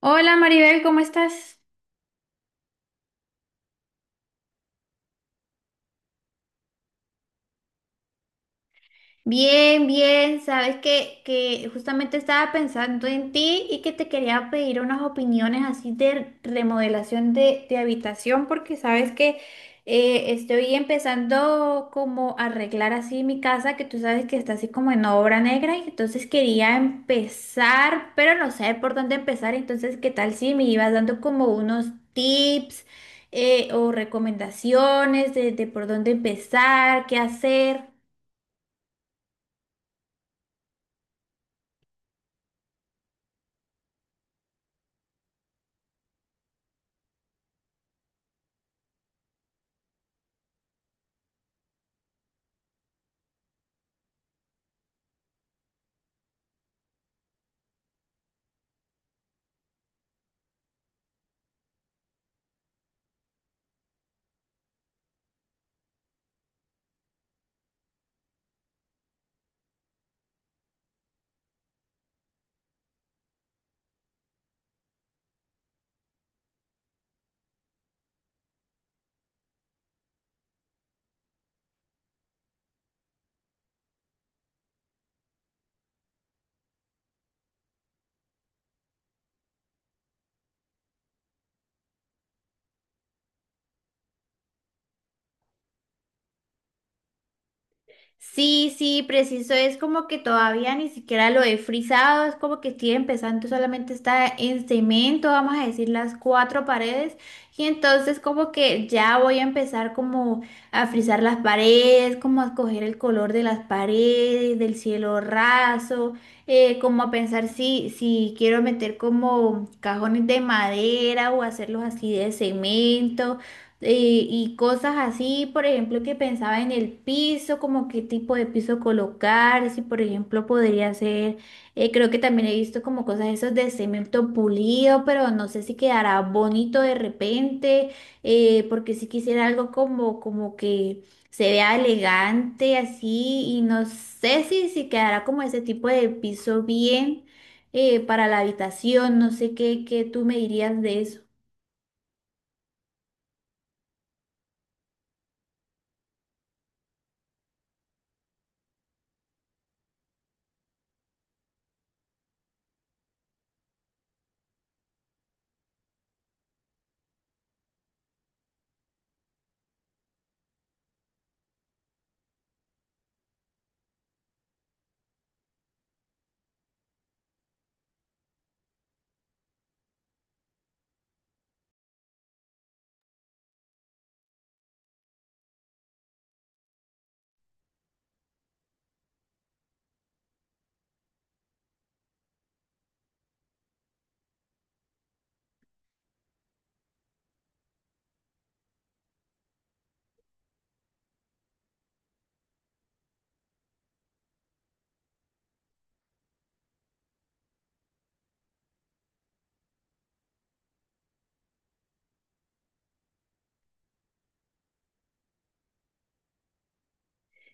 Hola Maribel, ¿cómo estás? Bien, bien, sabes que justamente estaba pensando en ti y que te quería pedir unas opiniones así de remodelación de habitación porque sabes que estoy empezando como a arreglar así mi casa que tú sabes que está así como en obra negra y entonces quería empezar, pero no sé por dónde empezar. Entonces qué tal si me ibas dando como unos tips o recomendaciones de por dónde empezar, qué hacer. Sí, sí, preciso, es como que todavía ni siquiera lo he frisado, es como que estoy empezando, solamente está en cemento, vamos a decir las cuatro paredes, y entonces como que ya voy a empezar como a frisar las paredes, como a escoger el color de las paredes, del cielo raso, como a pensar si quiero meter como cajones de madera o hacerlos así de cemento y cosas así. Por ejemplo, que pensaba en el piso, como qué tipo de piso colocar, si por ejemplo podría ser, creo que también he visto como cosas esos de cemento pulido, pero no sé si quedará bonito de repente, porque si quisiera algo como, como que se vea elegante así, y no sé si, si quedará como ese tipo de piso bien para la habitación. No sé qué, qué tú me dirías de eso.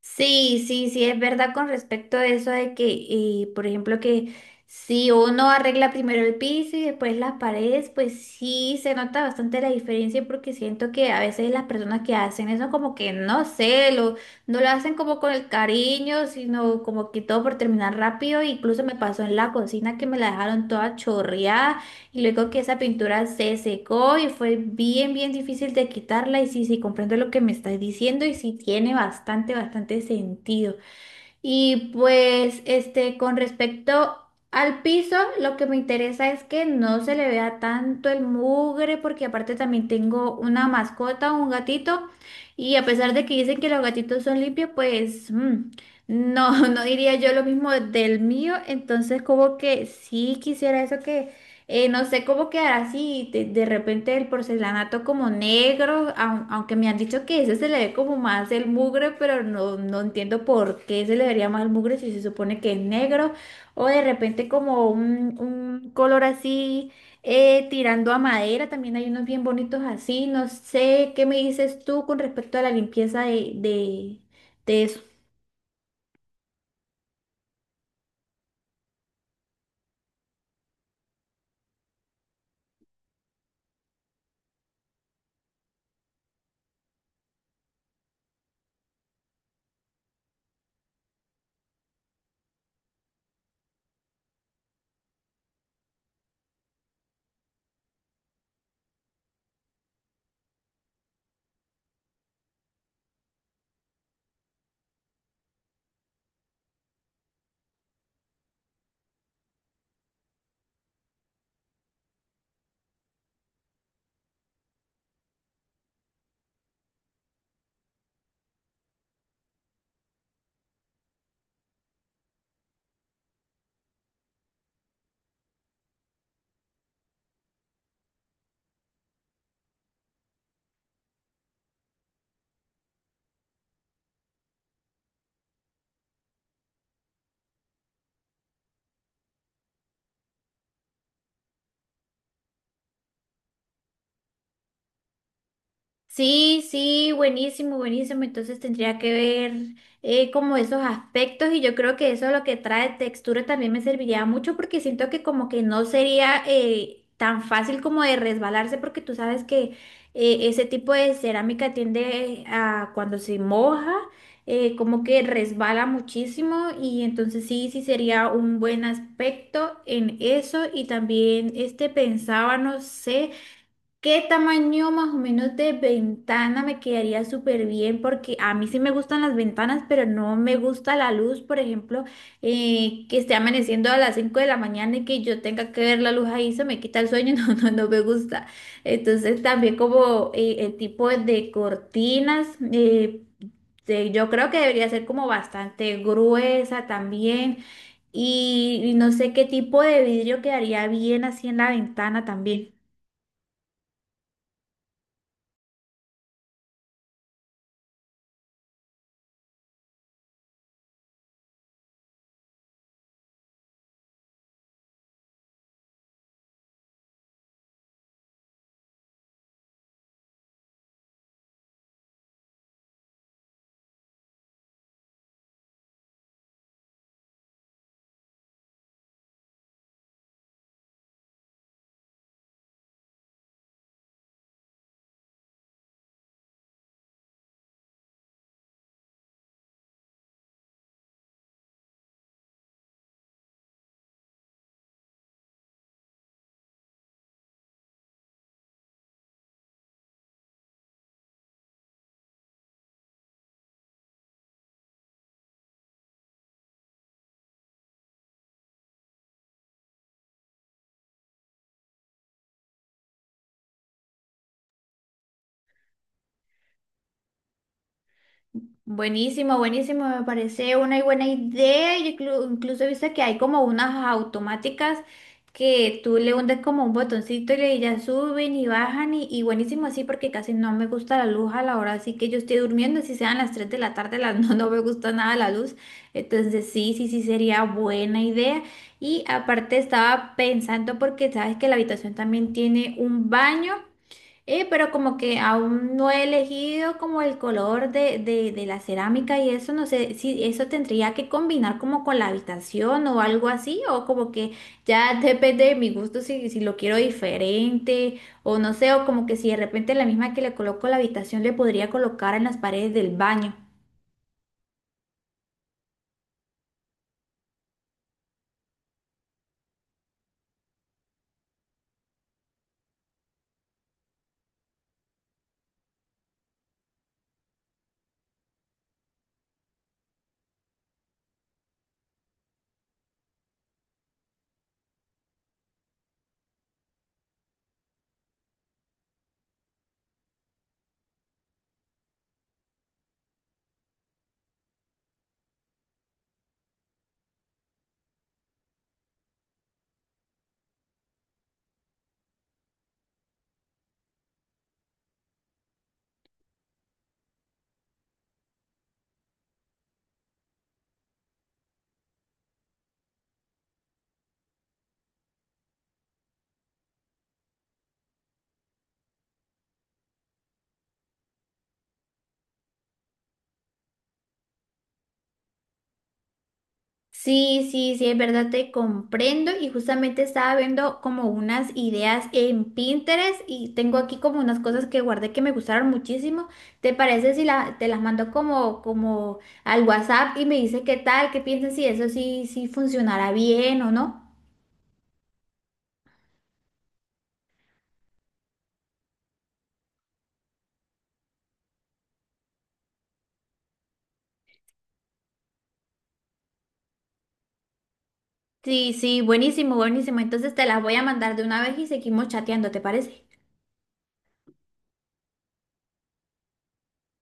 Sí, sí, sí, es verdad con respecto a eso de que, por ejemplo, que si uno arregla primero el piso y después las paredes, pues sí se nota bastante la diferencia, porque siento que a veces las personas que hacen eso como que no sé, no lo hacen como con el cariño, sino como que todo por terminar rápido. Incluso me pasó en la cocina que me la dejaron toda chorreada. Y luego que esa pintura se secó y fue bien, bien difícil de quitarla. Y sí, sí, comprendo lo que me estás diciendo y sí tiene bastante, bastante sentido. Y pues, este, con respecto al piso, lo que me interesa es que no se le vea tanto el mugre, porque aparte también tengo una mascota, un gatito. Y a pesar de que dicen que los gatitos son limpios, pues no, no diría yo lo mismo del mío. Entonces, como que sí quisiera eso que no sé cómo quedará así de repente el porcelanato como negro, aunque me han dicho que ese se le ve como más el mugre, pero no, no entiendo por qué se le vería más el mugre si se supone que es negro, o de repente como un color así tirando a madera. También hay unos bien bonitos así, no sé qué me dices tú con respecto a la limpieza de eso. Sí, sí, buenísimo, buenísimo. Entonces tendría que ver como esos aspectos y yo creo que eso es lo que trae textura también me serviría mucho, porque siento que como que no sería tan fácil como de resbalarse porque tú sabes que ese tipo de cerámica tiende a cuando se moja como que resbala muchísimo. Y entonces sí, sí sería un buen aspecto en eso. Y también este pensaba, no sé, ¿qué tamaño más o menos de ventana me quedaría súper bien? Porque a mí sí me gustan las ventanas, pero no me gusta la luz. Por ejemplo, que esté amaneciendo a las 5 de la mañana y que yo tenga que ver la luz ahí, se me quita el sueño, no, no, no me gusta. Entonces también como el tipo de cortinas, eh, yo creo que debería ser como bastante gruesa también y no sé qué tipo de vidrio quedaría bien así en la ventana también. Buenísimo, buenísimo, me parece una buena idea. Yo incluso he visto que hay como unas automáticas que tú le hundes como un botoncito y ya suben y bajan y buenísimo así, porque casi no me gusta la luz a la hora así que yo estoy durmiendo, si sean las 3 de la tarde, las, no, no me gusta nada la luz. Entonces sí, sí, sí sería buena idea. Y aparte estaba pensando porque sabes que la habitación también tiene un baño. Pero como que aún no he elegido como el color de la cerámica y eso, no sé si eso tendría que combinar como con la habitación o algo así, o como que ya depende de mi gusto si, si lo quiero diferente, o no sé, o como que si de repente la misma que le coloco a la habitación le podría colocar en las paredes del baño. Sí, sí, sí, es verdad, te comprendo. Y justamente estaba viendo como unas ideas en Pinterest y tengo aquí como unas cosas que guardé que me gustaron muchísimo. ¿Te parece si te las mando como al WhatsApp y me dices qué tal, qué piensas si eso sí, sí funcionará bien o no? Sí, sí, buenísimo, buenísimo. Entonces te las voy a mandar de una vez y seguimos chateando, ¿te parece?